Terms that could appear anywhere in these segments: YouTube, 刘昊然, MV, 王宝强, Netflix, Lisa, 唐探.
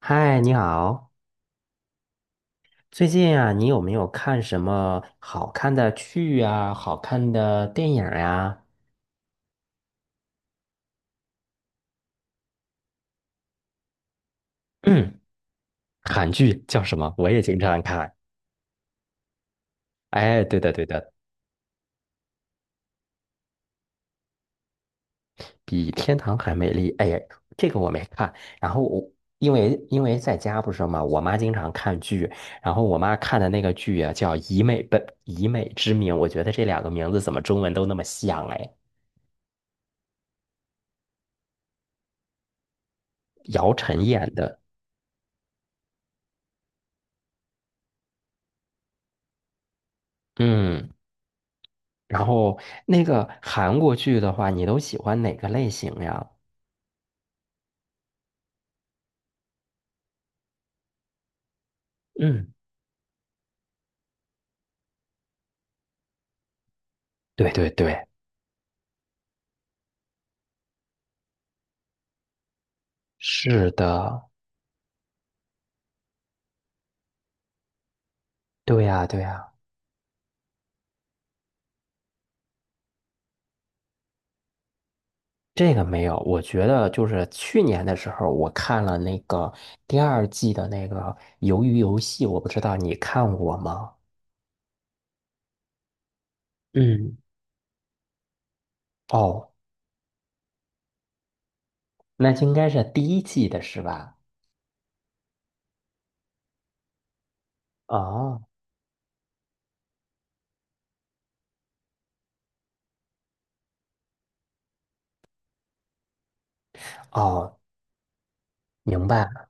嗨，你好。最近啊，你有没有看什么好看的剧啊？好看的电影呀？嗯，韩剧叫什么？我也经常看。哎，对的，对的，比天堂还美丽。哎呀，这个我没看。然后我因为在家不是嘛，我妈经常看剧，然后我妈看的那个剧啊，叫《以美之名》，我觉得这两个名字怎么中文都那么像哎，姚晨演的。嗯。然后那个韩国剧的话，你都喜欢哪个类型呀？嗯，对对对，是的，对呀对呀，这个没有。我觉得就是去年的时候，我看了那个第二季的那个《鱿鱼游戏》，我不知道你看过吗？嗯，哦，那应该是第一季的是吧？哦，哦，明白。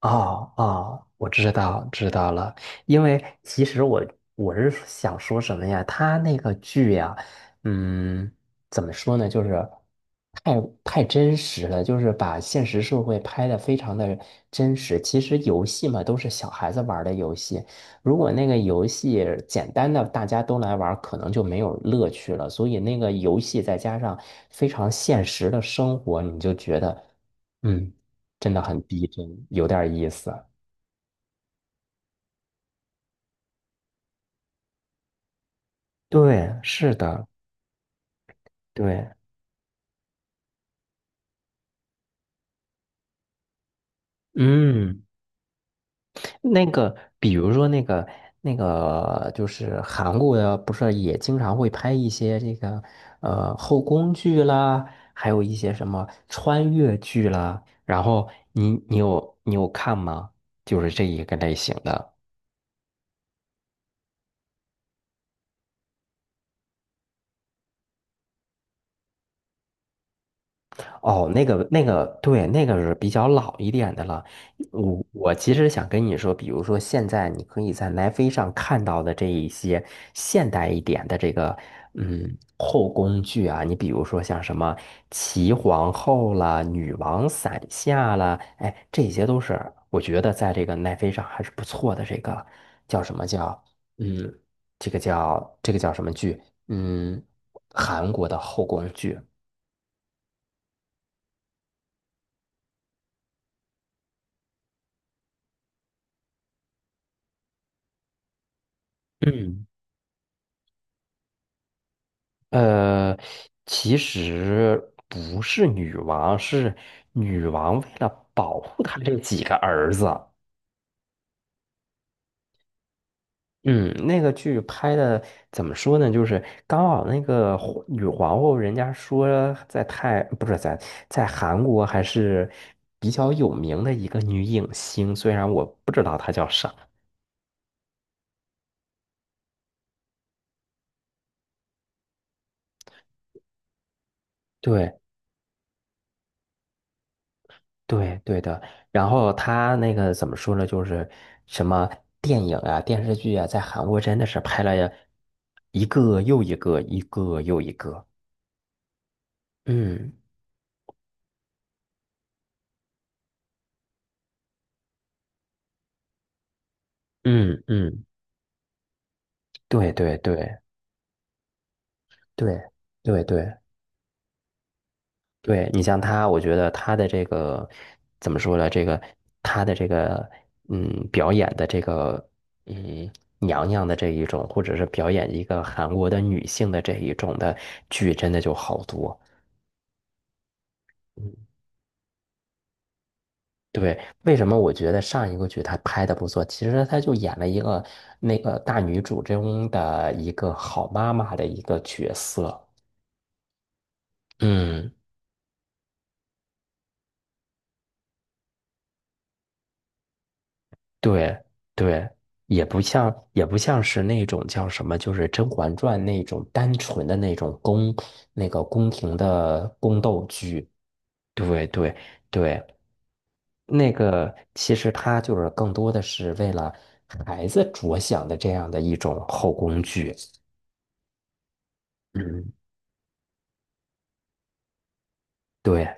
哦哦，我知道知道了，因为其实我是想说什么呀？他那个剧呀，嗯，怎么说呢？就是太真实了，就是把现实社会拍得非常的真实。其实游戏嘛，都是小孩子玩儿的游戏，如果那个游戏简单的大家都来玩儿可能就没有乐趣了。所以那个游戏再加上非常现实的生活，你就觉得。嗯。真的很逼真，有点意思。对，是的，对，嗯，那个，比如说那个，就是韩国的，不是也经常会拍一些这个后宫剧啦，还有一些什么穿越剧啦。然后你有看吗？就是这一个类型的。哦，那个，对，那个是比较老一点的了。我其实想跟你说，比如说现在你可以在奈飞上看到的这一些现代一点的这个后宫剧啊，你比如说像什么齐皇后啦、女王伞下啦，哎，这些都是我觉得在这个奈飞上还是不错的。这个叫什么叫嗯，这个叫什么剧？嗯，韩国的后宫剧。嗯呃，其实不是女王，是女王为了保护她这几个儿子。嗯，那个剧拍的怎么说呢？就是刚好那个皇后，人家说在泰不是在在韩国还是比较有名的一个女影星，虽然我不知道她叫啥。对，对对的，然后他那个怎么说呢？就是什么电影啊、电视剧啊，在韩国真的是拍了一个又一个，一个又一个。嗯嗯嗯，对对对对对对对，你像他，我觉得他的这个怎么说呢？这个他的这个表演的这个嗯，娘娘的这一种，或者是表演一个韩国的女性的这一种的剧，真的就好多。对，为什么我觉得上一个剧他拍的不错？其实他就演了一个那个大女主中的一个好妈妈的一个角色。嗯，对对，也不像是那种叫什么，就是《甄嬛传》那种单纯的那种那个宫廷的宫斗剧。对对对，那个其实他就是更多的是为了孩子着想的这样的一种后宫剧。嗯，对。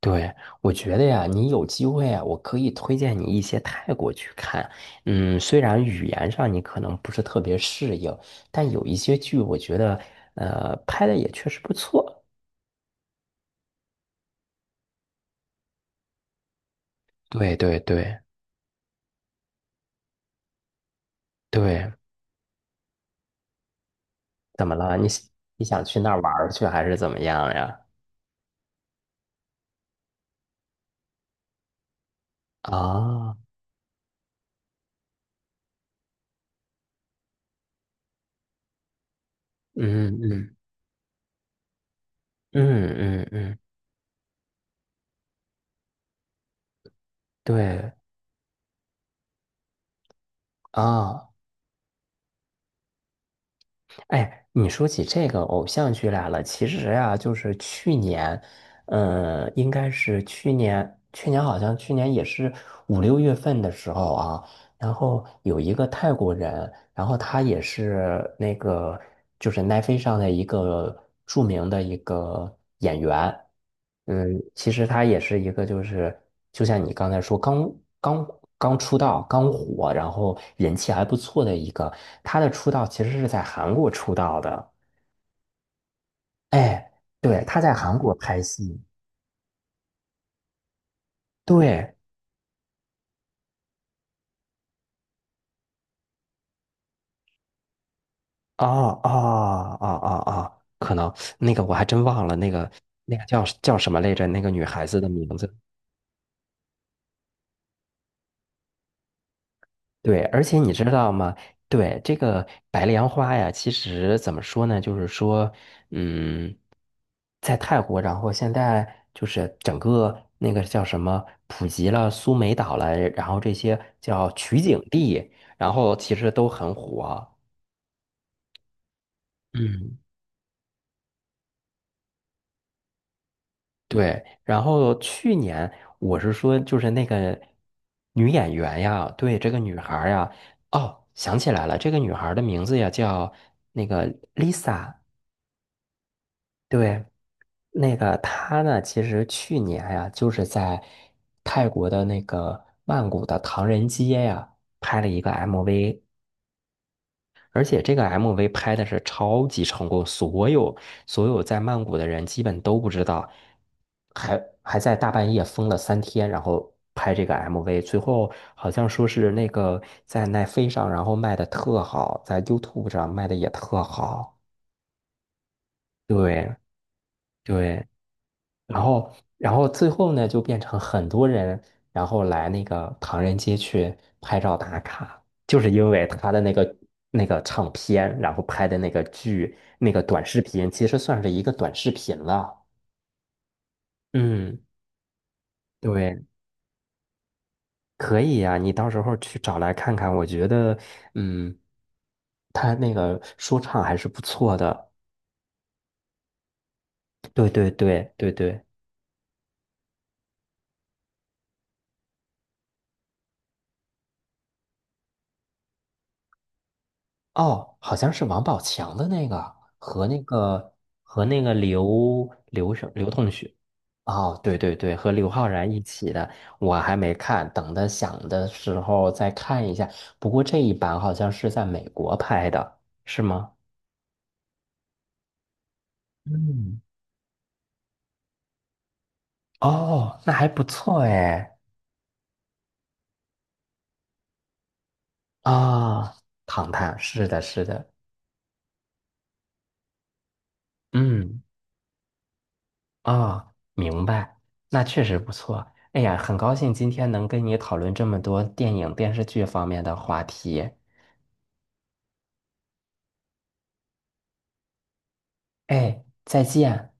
对，我觉得呀，你有机会啊，我可以推荐你一些泰国去看。嗯，虽然语言上你可能不是特别适应，但有一些剧我觉得，拍的也确实不错。对对对对，怎么了？你想去那儿玩儿去，还是怎么样呀？啊，嗯嗯嗯嗯嗯，对啊。哎，你说起这个偶像剧来了，其实呀、就是去年，嗯，应该是去年，去年好像去年也是五六月份的时候啊，然后有一个泰国人，然后他也是那个就是奈飞上的一个著名的一个演员，嗯，其实他也是一个，就是就像你刚才说，刚刚出道、刚火，然后人气还不错的一个。他的出道其实是在韩国出道的。哎，对，他在韩国拍戏。对，哦哦哦哦哦，可能那个我还真忘了那个叫什么来着？那个女孩子的名字。对，而且你知道吗？对，这个白莲花呀，其实怎么说呢？就是说，嗯，在泰国，然后现在就是整个那个叫什么，普及了苏梅岛了，然后这些叫取景地，然后其实都很火。嗯，对。然后去年我是说，就是那个女演员呀，对，这个女孩儿呀，哦，想起来了，这个女孩儿的名字呀叫那个 Lisa。对，那个他呢，其实去年呀，就是在泰国的那个曼谷的唐人街呀，拍了一个 MV，而且这个 MV 拍的是超级成功，所有在曼谷的人基本都不知道，还在大半夜封了3天，然后拍这个 MV，最后好像说是那个在奈飞上，然后卖的特好，在 YouTube 上卖的也特好，对对。然后，然后，最后呢，就变成很多人，然后来那个唐人街去拍照打卡，就是因为他的那个唱片，然后拍的那个剧，那个短视频，其实算是一个短视频了。嗯，对，可以呀，你到时候去找来看看，我觉得，嗯，他那个说唱还是不错的。对对对对对。哦，好像是王宝强的那个和那个刘同学，哦，对对对，和刘昊然一起的，我还没看，等他想的时候再看一下。不过这一版好像是在美国拍的，是吗？嗯，哦，那还不错哎。啊，唐探，是的，是的，嗯。啊，明白，那确实不错。哎呀，很高兴今天能跟你讨论这么多电影、电视剧方面的话题。哎，再见。